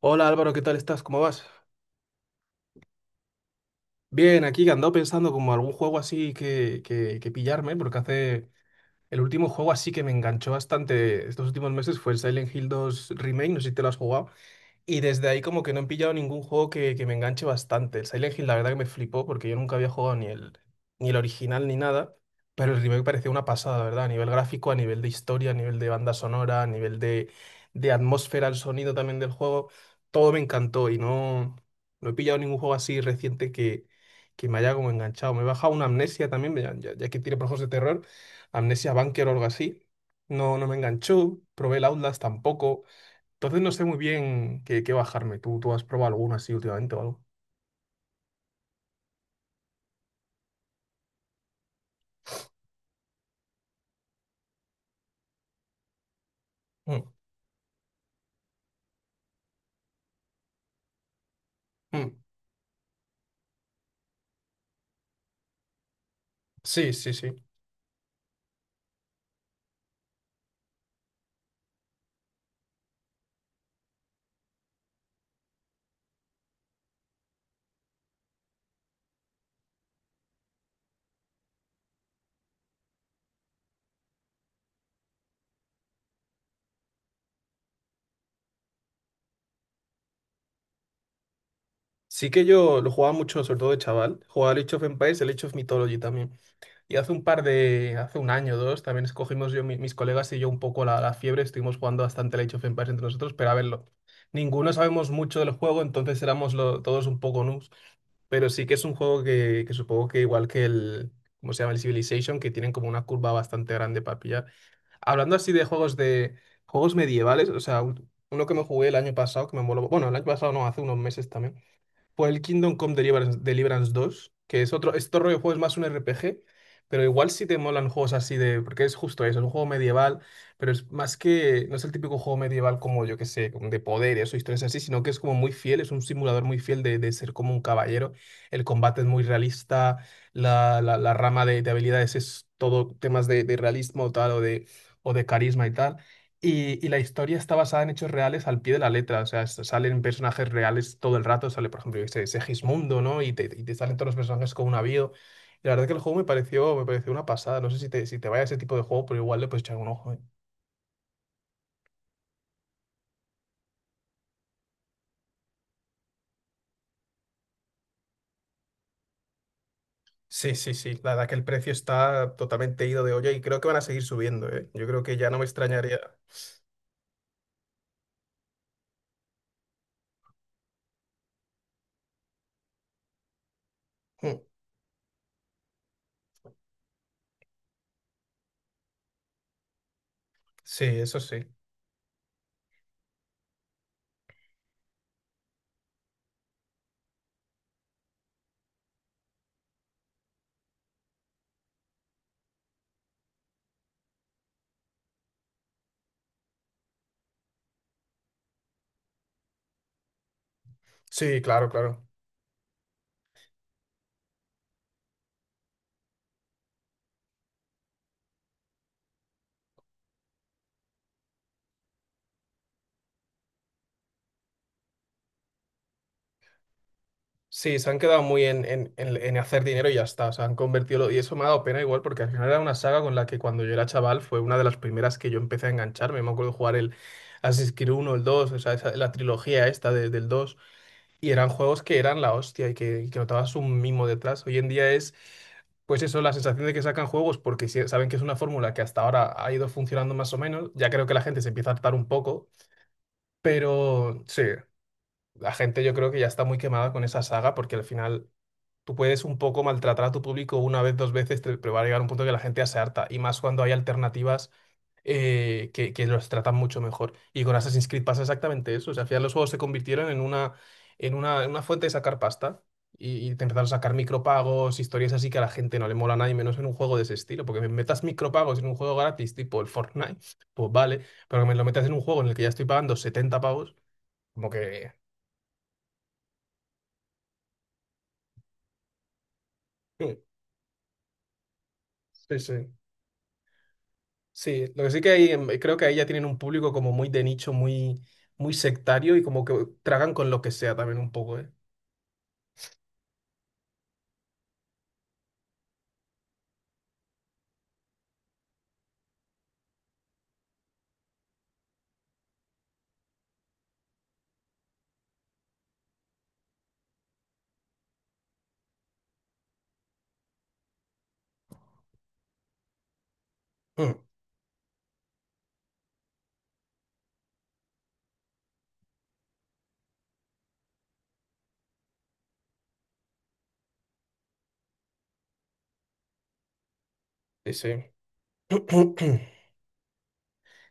Hola Álvaro, ¿qué tal estás? ¿Cómo vas? Bien, aquí que andado pensando como algún juego así que pillarme, porque hace el último juego así que me enganchó bastante estos últimos meses fue el Silent Hill 2 Remake, no sé si te lo has jugado. Y desde ahí como que no he pillado ningún juego que me enganche bastante. El Silent Hill la verdad que me flipó porque yo nunca había jugado ni el original ni nada, pero el remake parecía una pasada, la ¿verdad? A nivel gráfico, a nivel de historia, a nivel de banda sonora, a nivel de atmósfera, el sonido también del juego, todo me encantó y no he pillado ningún juego así reciente que me haya como enganchado. Me he bajado una Amnesia también, ya que tiene por juegos de terror, Amnesia Bunker o algo así. No, no me enganchó, probé el Outlast tampoco. Entonces no sé muy bien qué bajarme. ¿Tú has probado alguna así últimamente o algo? Mm, mm. Sí, sí, sí. Sí que yo lo jugaba mucho, sobre todo de chaval. Jugaba al Age of Empires, el Age of Mythology también. Y hace un año o dos, también escogimos yo, mis colegas y yo un poco la fiebre. Estuvimos jugando bastante el Age of Empires entre nosotros, pero a verlo. Ninguno sabemos mucho del juego, entonces éramos todos un poco noobs. Pero sí que es un juego que supongo que igual que ¿cómo se llama? El Civilization, que tienen como una curva bastante grande para pillar. Hablando así de juegos medievales, o sea, uno que me jugué el año pasado, que me moló, bueno, el año pasado no, hace unos meses también, por el Kingdom Come Deliverance, Deliverance 2, que es otro. Este rollo de juego es más un RPG, pero igual si te molan juegos así de, porque es justo eso, es un juego medieval, pero es más que, no es el típico juego medieval como yo que sé, como de poderes o historias así, sino que es como muy fiel, es un simulador muy fiel de ser como un caballero. El combate es muy realista, la rama de habilidades es todo temas de realismo tal o de carisma y tal. Y la historia está basada en hechos reales al pie de la letra. O sea, salen personajes reales todo el rato, sale, por ejemplo, yo qué sé, Segismundo, ¿no? Y te salen todos los personajes con una avión. Y la verdad que el juego me pareció una pasada, no sé si te, si te vaya ese tipo de juego, pero igual le puedes echar un ojo, ¿eh? Sí, sí, sí, la verdad que el precio está totalmente ido de olla y creo que van a seguir subiendo, ¿eh? Yo creo que ya no me extrañaría. Mm. Sí, eso sí. Sí, claro, claro. Sí, se han quedado muy en hacer dinero y ya está. O sea, han convertido. Y eso me ha dado pena igual, porque al final era una saga con la que cuando yo era chaval fue una de las primeras que yo empecé a engancharme. Me acuerdo jugar el Assassin's Creed 1, el dos, o sea, la trilogía esta del dos. Y eran juegos que eran la hostia y que notabas un mimo detrás. Hoy en día es, pues eso, la sensación de que sacan juegos porque saben que es una fórmula que hasta ahora ha ido funcionando más o menos. Ya creo que la gente se empieza a hartar un poco, pero sí. La gente yo creo que ya está muy quemada con esa saga porque al final tú puedes un poco maltratar a tu público una vez, dos veces, pero va a llegar un punto que la gente ya se harta. Y más cuando hay alternativas que los tratan mucho mejor. Y con Assassin's Creed pasa exactamente eso. O sea, al final los juegos se convirtieron en una, en una fuente de sacar pasta. Y te empezaron a sacar micropagos, historias así que a la gente no le mola nada y menos en un juego de ese estilo. Porque me metas micropagos en un juego gratis, tipo el Fortnite, pues vale. Pero que me lo metas en un juego en el que ya estoy pagando 70 pavos, como que... Sí, sí. Sí, lo que sí que hay, creo que ahí ya tienen un público como muy de nicho, muy, muy sectario y como que tragan con lo que sea también un poco, ¿eh? Mm. Sí, sí.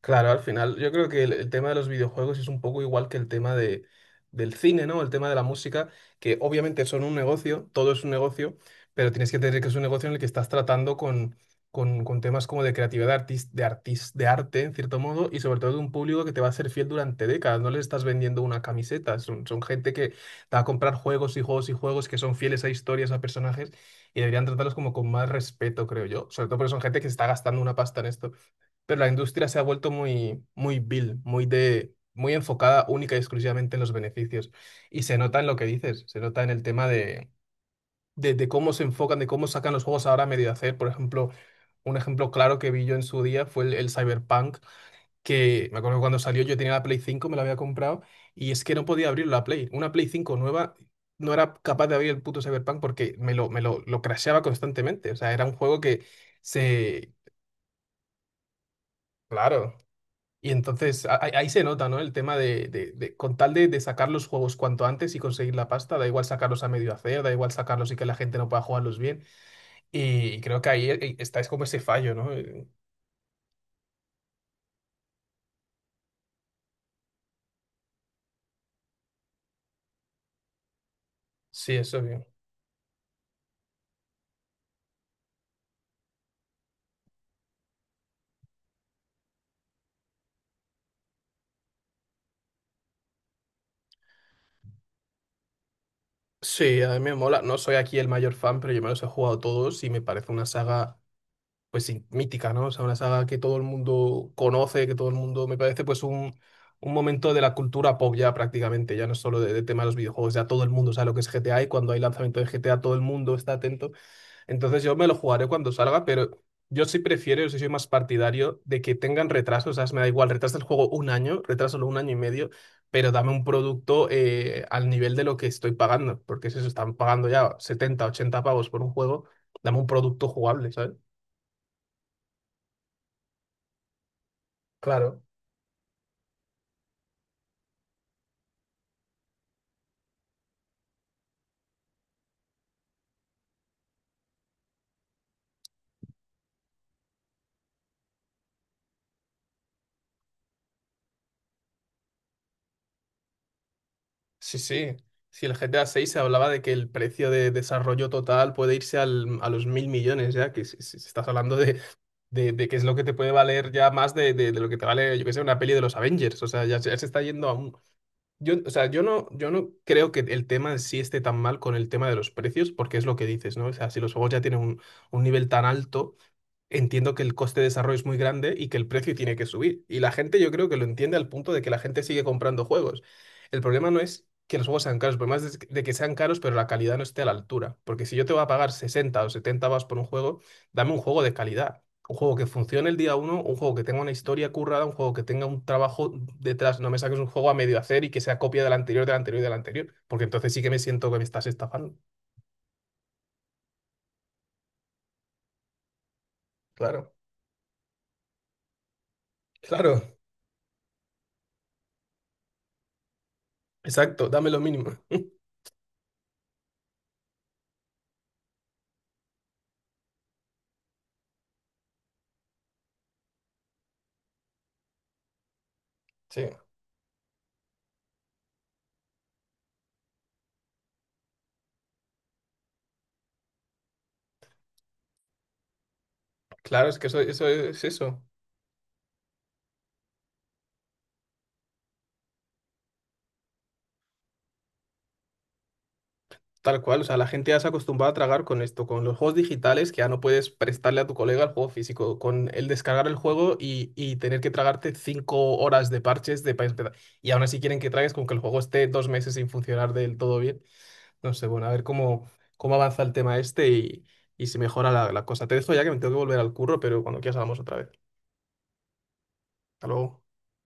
Claro, al final yo creo que el tema de los videojuegos es un poco igual que el tema del cine, ¿no? El tema de la música, que obviamente son un negocio, todo es un negocio, pero tienes que tener que es un negocio en el que estás tratando con temas como de creatividad de arte, en cierto modo, y sobre todo de un público que te va a ser fiel durante décadas. No le estás vendiendo una camiseta, son gente que te va a comprar juegos y juegos y juegos que son fieles a historias, a personajes, y deberían tratarlos como con más respeto, creo yo, sobre todo porque son gente que se está gastando una pasta en esto. Pero la industria se ha vuelto muy, muy vil, muy enfocada única y exclusivamente en los beneficios. Y se nota en lo que dices, se nota en el tema de cómo se enfocan, de cómo sacan los juegos ahora a medio hacer. Por ejemplo, un ejemplo claro que vi yo en su día fue el Cyberpunk, que me acuerdo que cuando salió yo tenía la Play 5, me la había comprado, y es que no podía abrir la Play. Una Play 5 nueva. No era capaz de abrir el puto Cyberpunk porque lo crasheaba constantemente. O sea, era un juego que se. Claro. Y entonces ahí se nota, ¿no? El tema con tal de sacar los juegos cuanto antes y conseguir la pasta, da igual sacarlos a medio hacer, da igual sacarlos y que la gente no pueda jugarlos bien. Y creo que ahí está, es como ese fallo, ¿no? Sí, eso bien. Sí, a mí me mola. No soy aquí el mayor fan, pero yo me los he jugado todos y me parece una saga, pues sí, mítica, ¿no? O sea, una saga que todo el mundo conoce, que todo el mundo me parece pues un momento de la cultura pop ya prácticamente. Ya no es solo de tema de los videojuegos, ya todo el mundo sabe lo que es GTA, y cuando hay lanzamiento de GTA todo el mundo está atento. Entonces yo me lo jugaré cuando salga, pero yo sí soy más partidario de que tengan retrasos, ¿sabes? Me da igual, retrasa el juego un año, retrasalo un año y medio. Pero dame un producto al nivel de lo que estoy pagando, porque si se están pagando ya 70, 80 pavos por un juego, dame un producto jugable, ¿sabes? Claro. Sí, sí. Si el GTA 6, se hablaba de que el precio de desarrollo total puede irse a los 1.000 millones, ya que si estás hablando de qué es lo que te puede valer, ya más de lo que te vale, yo qué sé, una peli de los Avengers. O sea, ya se está yendo a un. O sea, yo no creo que el tema en sí esté tan mal con el tema de los precios, porque es lo que dices, ¿no? O sea, si los juegos ya tienen un nivel tan alto, entiendo que el coste de desarrollo es muy grande y que el precio tiene que subir. Y la gente yo creo que lo entiende al punto de que la gente sigue comprando juegos. El problema no es que los juegos sean caros, el problema es de que sean caros pero la calidad no esté a la altura. Porque si yo te voy a pagar 60 o 70 vas por un juego, dame un juego de calidad. Un juego que funcione el día uno, un juego que tenga una historia currada, un juego que tenga un trabajo detrás. No me saques un juego a medio hacer y que sea copia del anterior y del anterior. Porque entonces sí que me siento que me estás estafando. Claro, claro, exacto, dame lo mínimo. Sí. Claro, es que eso es eso, tal cual. O sea, la gente ya se ha acostumbrado a tragar con esto, con los juegos digitales, que ya no puedes prestarle a tu colega el juego físico, con el descargar el juego y tener que tragarte 5 horas de parches de para empezar. Y aún así quieren que tragues con que el juego esté 2 meses sin funcionar del todo bien. No sé, bueno, a ver cómo avanza el tema este y si mejora la cosa. Te dejo, ya que me tengo que volver al curro, pero cuando quieras hablamos otra vez. Hasta luego.